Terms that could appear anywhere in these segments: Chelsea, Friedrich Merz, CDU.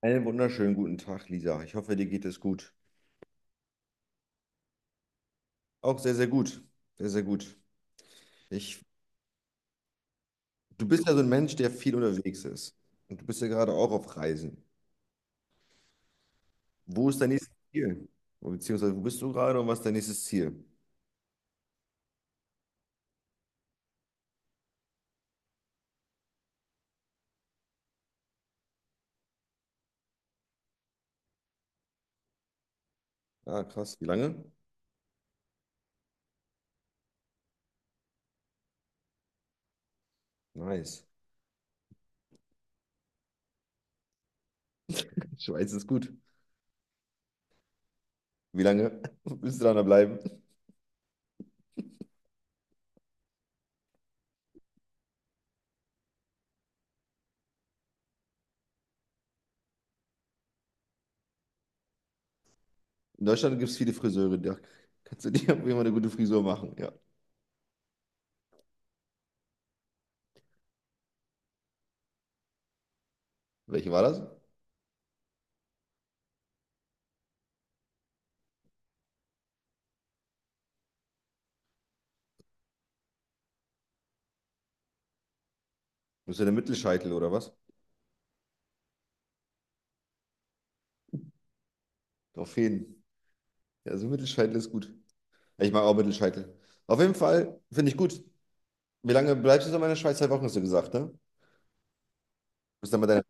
Einen wunderschönen guten Tag, Lisa. Ich hoffe, dir geht es gut. Auch sehr, sehr gut. Sehr, sehr gut. Ich, Du bist ja so ein Mensch, der viel unterwegs ist. Und du bist ja gerade auch auf Reisen. Wo ist dein nächstes Ziel? Beziehungsweise, wo bist du gerade und was ist dein nächstes Ziel? Ah, krass. Wie lange? Nice. Schweiz ist gut. Wie lange willst du da noch bleiben? In Deutschland gibt es viele Friseure. Da kannst du dir auf jeden Fall eine gute Frisur machen. Ja. Welche war das? Bist du der Mittelscheitel oder was? Auf jeden. Ja, so Mittelscheitel ist gut. Ich mag auch Mittelscheitel. Auf jeden Fall finde ich gut. Wie lange bleibst du so in der Schweiz? 2 Wochen hast du gesagt, ne? Bist dann bei deiner.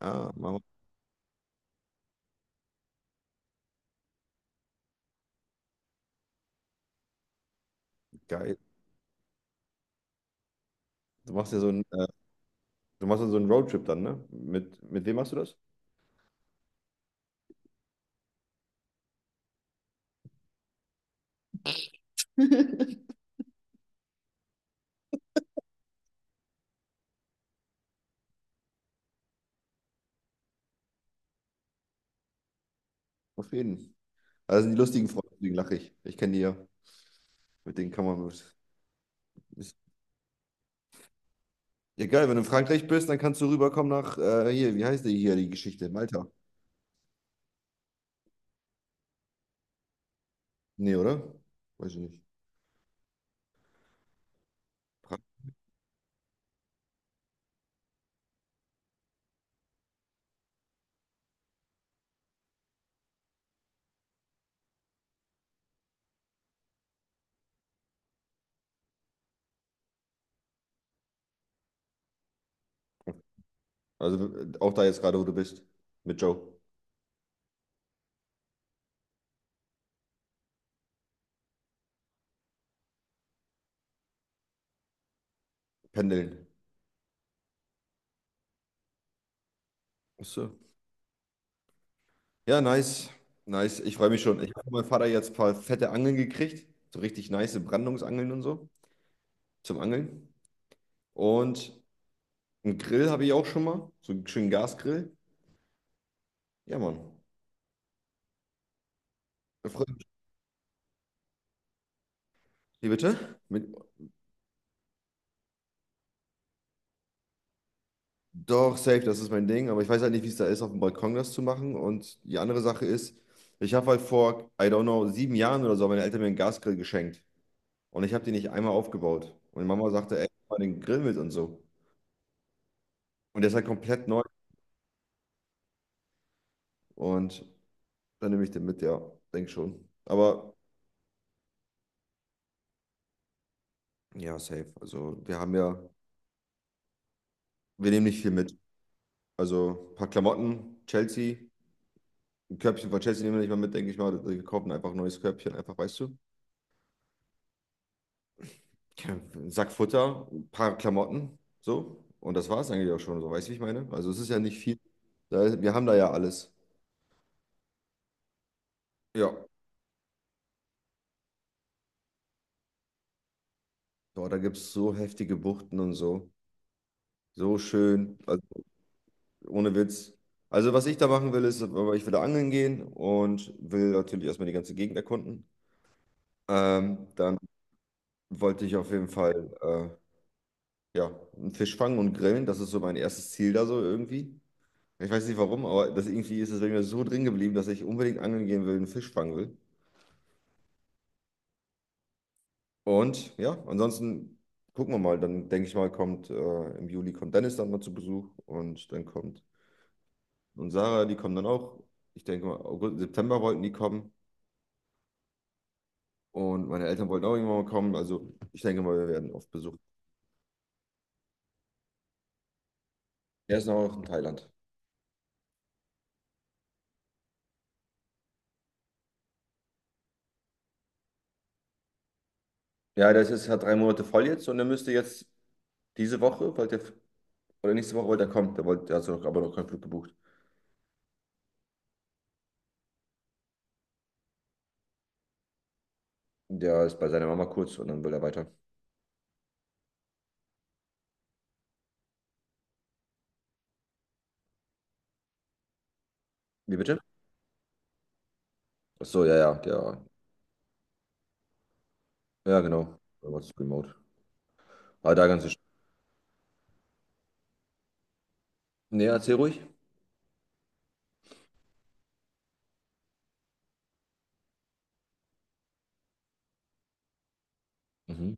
Ah, Mama, geil. Du machst ja so einen, äh, Du machst ja so einen Roadtrip dann, ne? Mit wem machst du das? Auf jeden. Das sind die lustigen Freunde, deswegen lache ich. Ich kenne die ja. Mit denen kann man. Ist, ja, geil, wenn du in Frankreich bist, dann kannst du rüberkommen nach. Hier, wie heißt die hier die Geschichte? Malta. Nee, oder? Weiß ich nicht. Fra- Also, auch da jetzt gerade, wo du bist. Mit Joe. Pendeln. Achso. Ja, nice. Nice. Ich freue mich schon. Ich habe von meinem Vater jetzt ein paar fette Angeln gekriegt. So richtig nice Brandungsangeln und so zum Angeln. Und einen Grill habe ich auch schon mal. So einen schönen Gasgrill. Ja, Mann. Da freue ich mich. Wie bitte? Doch, safe, das ist mein Ding. Aber ich weiß halt nicht, wie es da ist, auf dem Balkon das zu machen. Und die andere Sache ist, ich habe halt vor, I don't know, 7 Jahren oder so, haben meine Eltern mir einen Gasgrill geschenkt. Und ich habe den nicht einmal aufgebaut. Und meine Mama sagte, ey, mach mal den Grill mit und so. Und der ist halt komplett neu. Und dann nehme ich den mit, ja. Denk schon. Aber ja, safe. Wir nehmen nicht viel mit. Also ein paar Klamotten, Chelsea, ein Körbchen von Chelsea nehmen wir nicht mal mit, denke ich mal. Wir kaufen einfach ein neues Körbchen, einfach, weißt du. Ja, ein Sack Futter, ein paar Klamotten, so. Und das war es eigentlich auch schon, so weißt du, wie ich meine? Also es ist ja nicht viel. Wir haben da ja alles. Ja. Boah, da gibt es so heftige Buchten und so. So schön. Also, ohne Witz. Also, was ich da machen will, ist, aber ich will da angeln gehen und will natürlich erstmal die ganze Gegend erkunden. Dann wollte ich auf jeden Fall ja, einen Fisch fangen und grillen. Das ist so mein erstes Ziel da so irgendwie. Ich weiß nicht warum, aber das irgendwie ist es bei mir so drin geblieben, dass ich unbedingt angeln gehen will, einen Fisch fangen will. Und ja, ansonsten gucken wir mal. Dann denke ich mal, kommt im Juli kommt Dennis dann mal zu Besuch und dann kommt und Sarah, die kommen dann auch. Ich denke mal, August, September wollten die kommen. Und meine Eltern wollten auch irgendwann mal kommen. Also ich denke mal, wir werden oft besucht. Er ist noch in Thailand. Ja, der ist jetzt hat 3 Monate voll jetzt und er müsste jetzt diese Woche, wollte er, oder nächste Woche wollte er kommen. Der hat so noch, aber noch keinen Flug gebucht. Der ist bei seiner Mama kurz und dann will er weiter. Wie bitte? Ach so, ja, ja, ja, genau. Was ist remote? Aber da ganz Nee, erzähl ruhig. Mhm.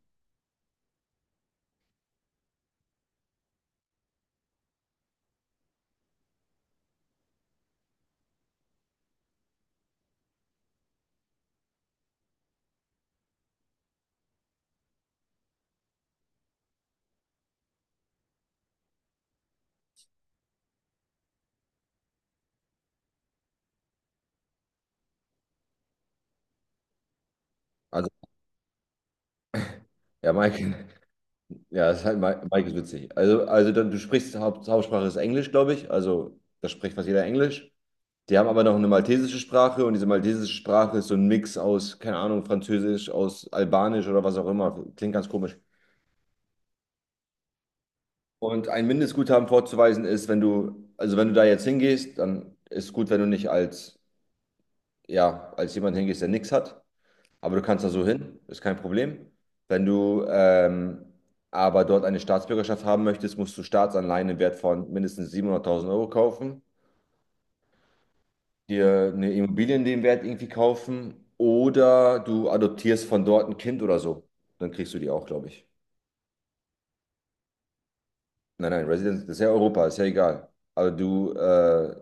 Also, ja, Mike, ja, ist halt, Mike, Mike ist witzig. Also dann, Hauptsprache ist Englisch, glaube ich. Also, da spricht fast jeder Englisch. Die haben aber noch eine maltesische Sprache und diese maltesische Sprache ist so ein Mix aus, keine Ahnung, Französisch, aus Albanisch oder was auch immer. Klingt ganz komisch. Und ein Mindestguthaben vorzuweisen ist, wenn du, also wenn du da jetzt hingehst, dann ist gut, wenn du nicht als, ja, als jemand hingehst, der nichts hat. Aber du kannst da so hin, ist kein Problem. Wenn du aber dort eine Staatsbürgerschaft haben möchtest, musst du Staatsanleihen im Wert von mindestens 700.000 Euro kaufen, dir eine Immobilie in dem Wert irgendwie kaufen oder du adoptierst von dort ein Kind oder so. Dann kriegst du die auch, glaube ich. Nein, nein, Residence, das ist ja Europa, ist ja egal. Aber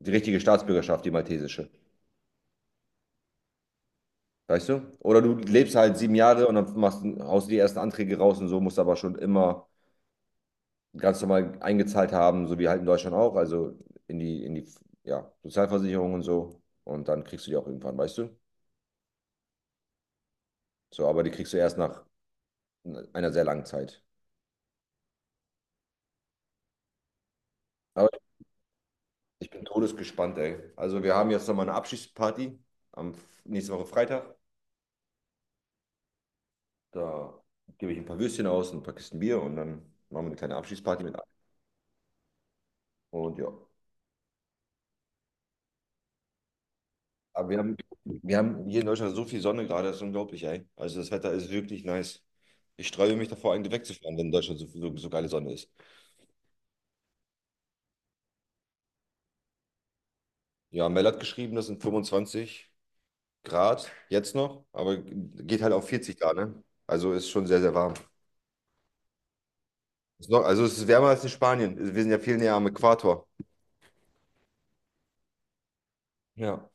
die richtige Staatsbürgerschaft, die maltesische. Weißt du? Oder du lebst halt 7 Jahre und dann haust die ersten Anträge raus und so, musst aber schon immer ganz normal eingezahlt haben, so wie halt in Deutschland auch, also in die, ja, Sozialversicherung und so. Und dann kriegst du die auch irgendwann, weißt du? So, aber die kriegst du erst nach einer sehr langen Zeit. Aber ich bin todesgespannt, ey. Also wir haben jetzt nochmal eine Abschiedsparty nächste Woche Freitag. Da gebe ich ein paar Würstchen aus und ein paar Kisten Bier und dann machen wir eine kleine Abschiedsparty mit allen. Und ja. Aber wir haben hier in Deutschland so viel Sonne gerade, das ist unglaublich, ey. Also das Wetter ist wirklich nice. Ich sträube mich davor, eigentlich wegzufahren, wenn in Deutschland so, so, so geile Sonne ist. Ja, Mel hat geschrieben, das sind 25 Grad jetzt noch, aber geht halt auf 40 Grad, ne? Also ist schon sehr, sehr warm. Also es ist wärmer als in Spanien. Wir sind ja viel näher am Äquator. Ja.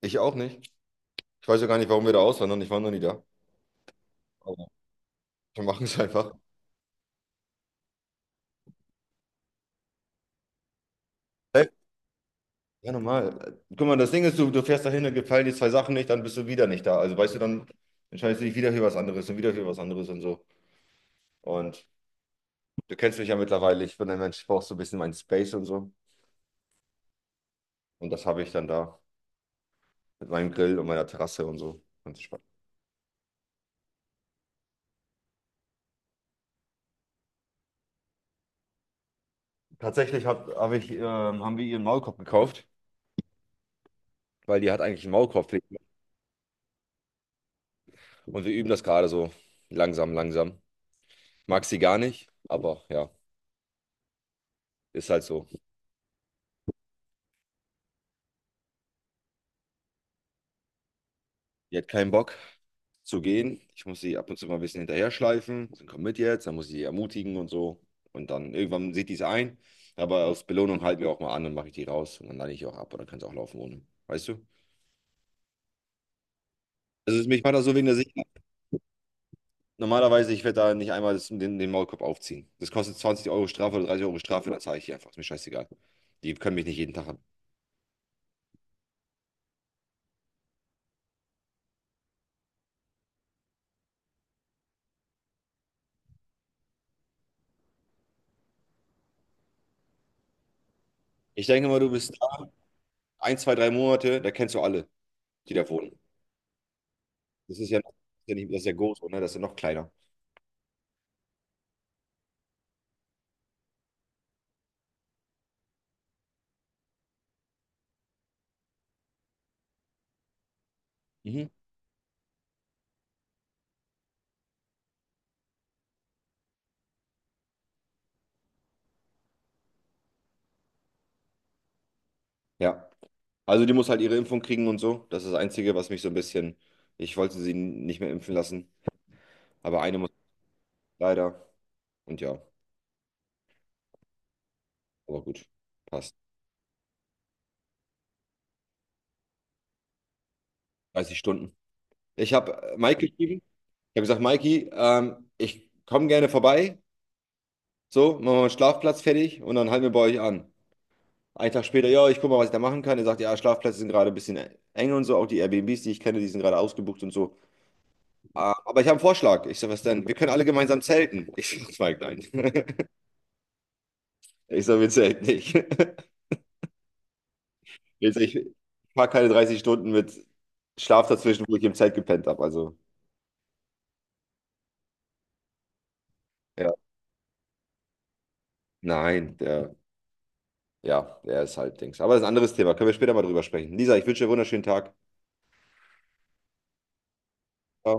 Ich auch nicht. Ich weiß ja gar nicht, warum wir da auswandern. Ich war noch nie da. Aber wir machen es einfach. Hä? Ja, normal. Guck mal, das Ding ist, du fährst dahin und gefallen die zwei Sachen nicht, dann bist du wieder nicht da. Also weißt du, dann entscheidest du dich wieder für was anderes und wieder für was anderes und so. Und du kennst mich ja mittlerweile. Ich bin ein Mensch, ich brauch so ein bisschen meinen Space und so. Und das habe ich dann da mit meinem Grill und meiner Terrasse und so. Ganz spannend. Tatsächlich haben wir ihren Maulkorb gekauft, weil die hat eigentlich einen Maulkorb. Und wir üben das gerade so langsam, langsam. Mag sie gar nicht, aber ja. Ist halt so. Die hat keinen Bock zu gehen. Ich muss sie ab und zu mal ein bisschen hinterher schleifen. Dann komm mit jetzt, dann muss ich sie ermutigen und so. Und dann irgendwann sieht die es ein. Aber aus Belohnung halten wir auch mal an und mache ich die raus. Und dann lade ich auch ab und dann kann es auch laufen ohne. Weißt du? Also mich macht das so wegen der Sicherheit. Normalerweise, ich werde da nicht einmal den Maulkorb aufziehen. Das kostet 20 Euro Strafe oder 30 Euro Strafe, dann zahle ich die einfach. Ist mir scheißegal. Die können mich nicht jeden Tag haben. Ich denke mal, du bist da, 1, 2, 3 Monate, da kennst du alle, die da wohnen. Das ist ja, noch- das ist ja, nicht, Das ist ja groß, oder? Das ist ja noch kleiner. Mhm. Ja, also die muss halt ihre Impfung kriegen und so. Das ist das Einzige, was mich so ein bisschen. Ich wollte sie nicht mehr impfen lassen, aber eine muss leider. Und ja, aber gut, passt. 30 Stunden. Ich habe Mike geschrieben. Ich habe gesagt, Mikey, ich komme gerne vorbei. So, machen wir mal einen Schlafplatz fertig und dann halten wir bei euch an. Einen Tag später, ja, ich gucke mal, was ich da machen kann. Er sagt, ja, Schlafplätze sind gerade ein bisschen eng und so. Auch die Airbnbs, die ich kenne, die sind gerade ausgebucht und so. Ah, aber ich habe einen Vorschlag. Ich sage, was denn? Wir können alle gemeinsam zelten. Ich sage, Mike, nein. Ich sage, willst du echt nicht. Willst du echt, ich fahre keine 30 Stunden mit Schlaf dazwischen, wo ich im Zelt gepennt habe. Also, ja. Nein, ja, der ist halt Dings. Aber das ist ein anderes Thema. Können wir später mal drüber sprechen. Lisa, ich wünsche dir einen wunderschönen Tag. Ciao.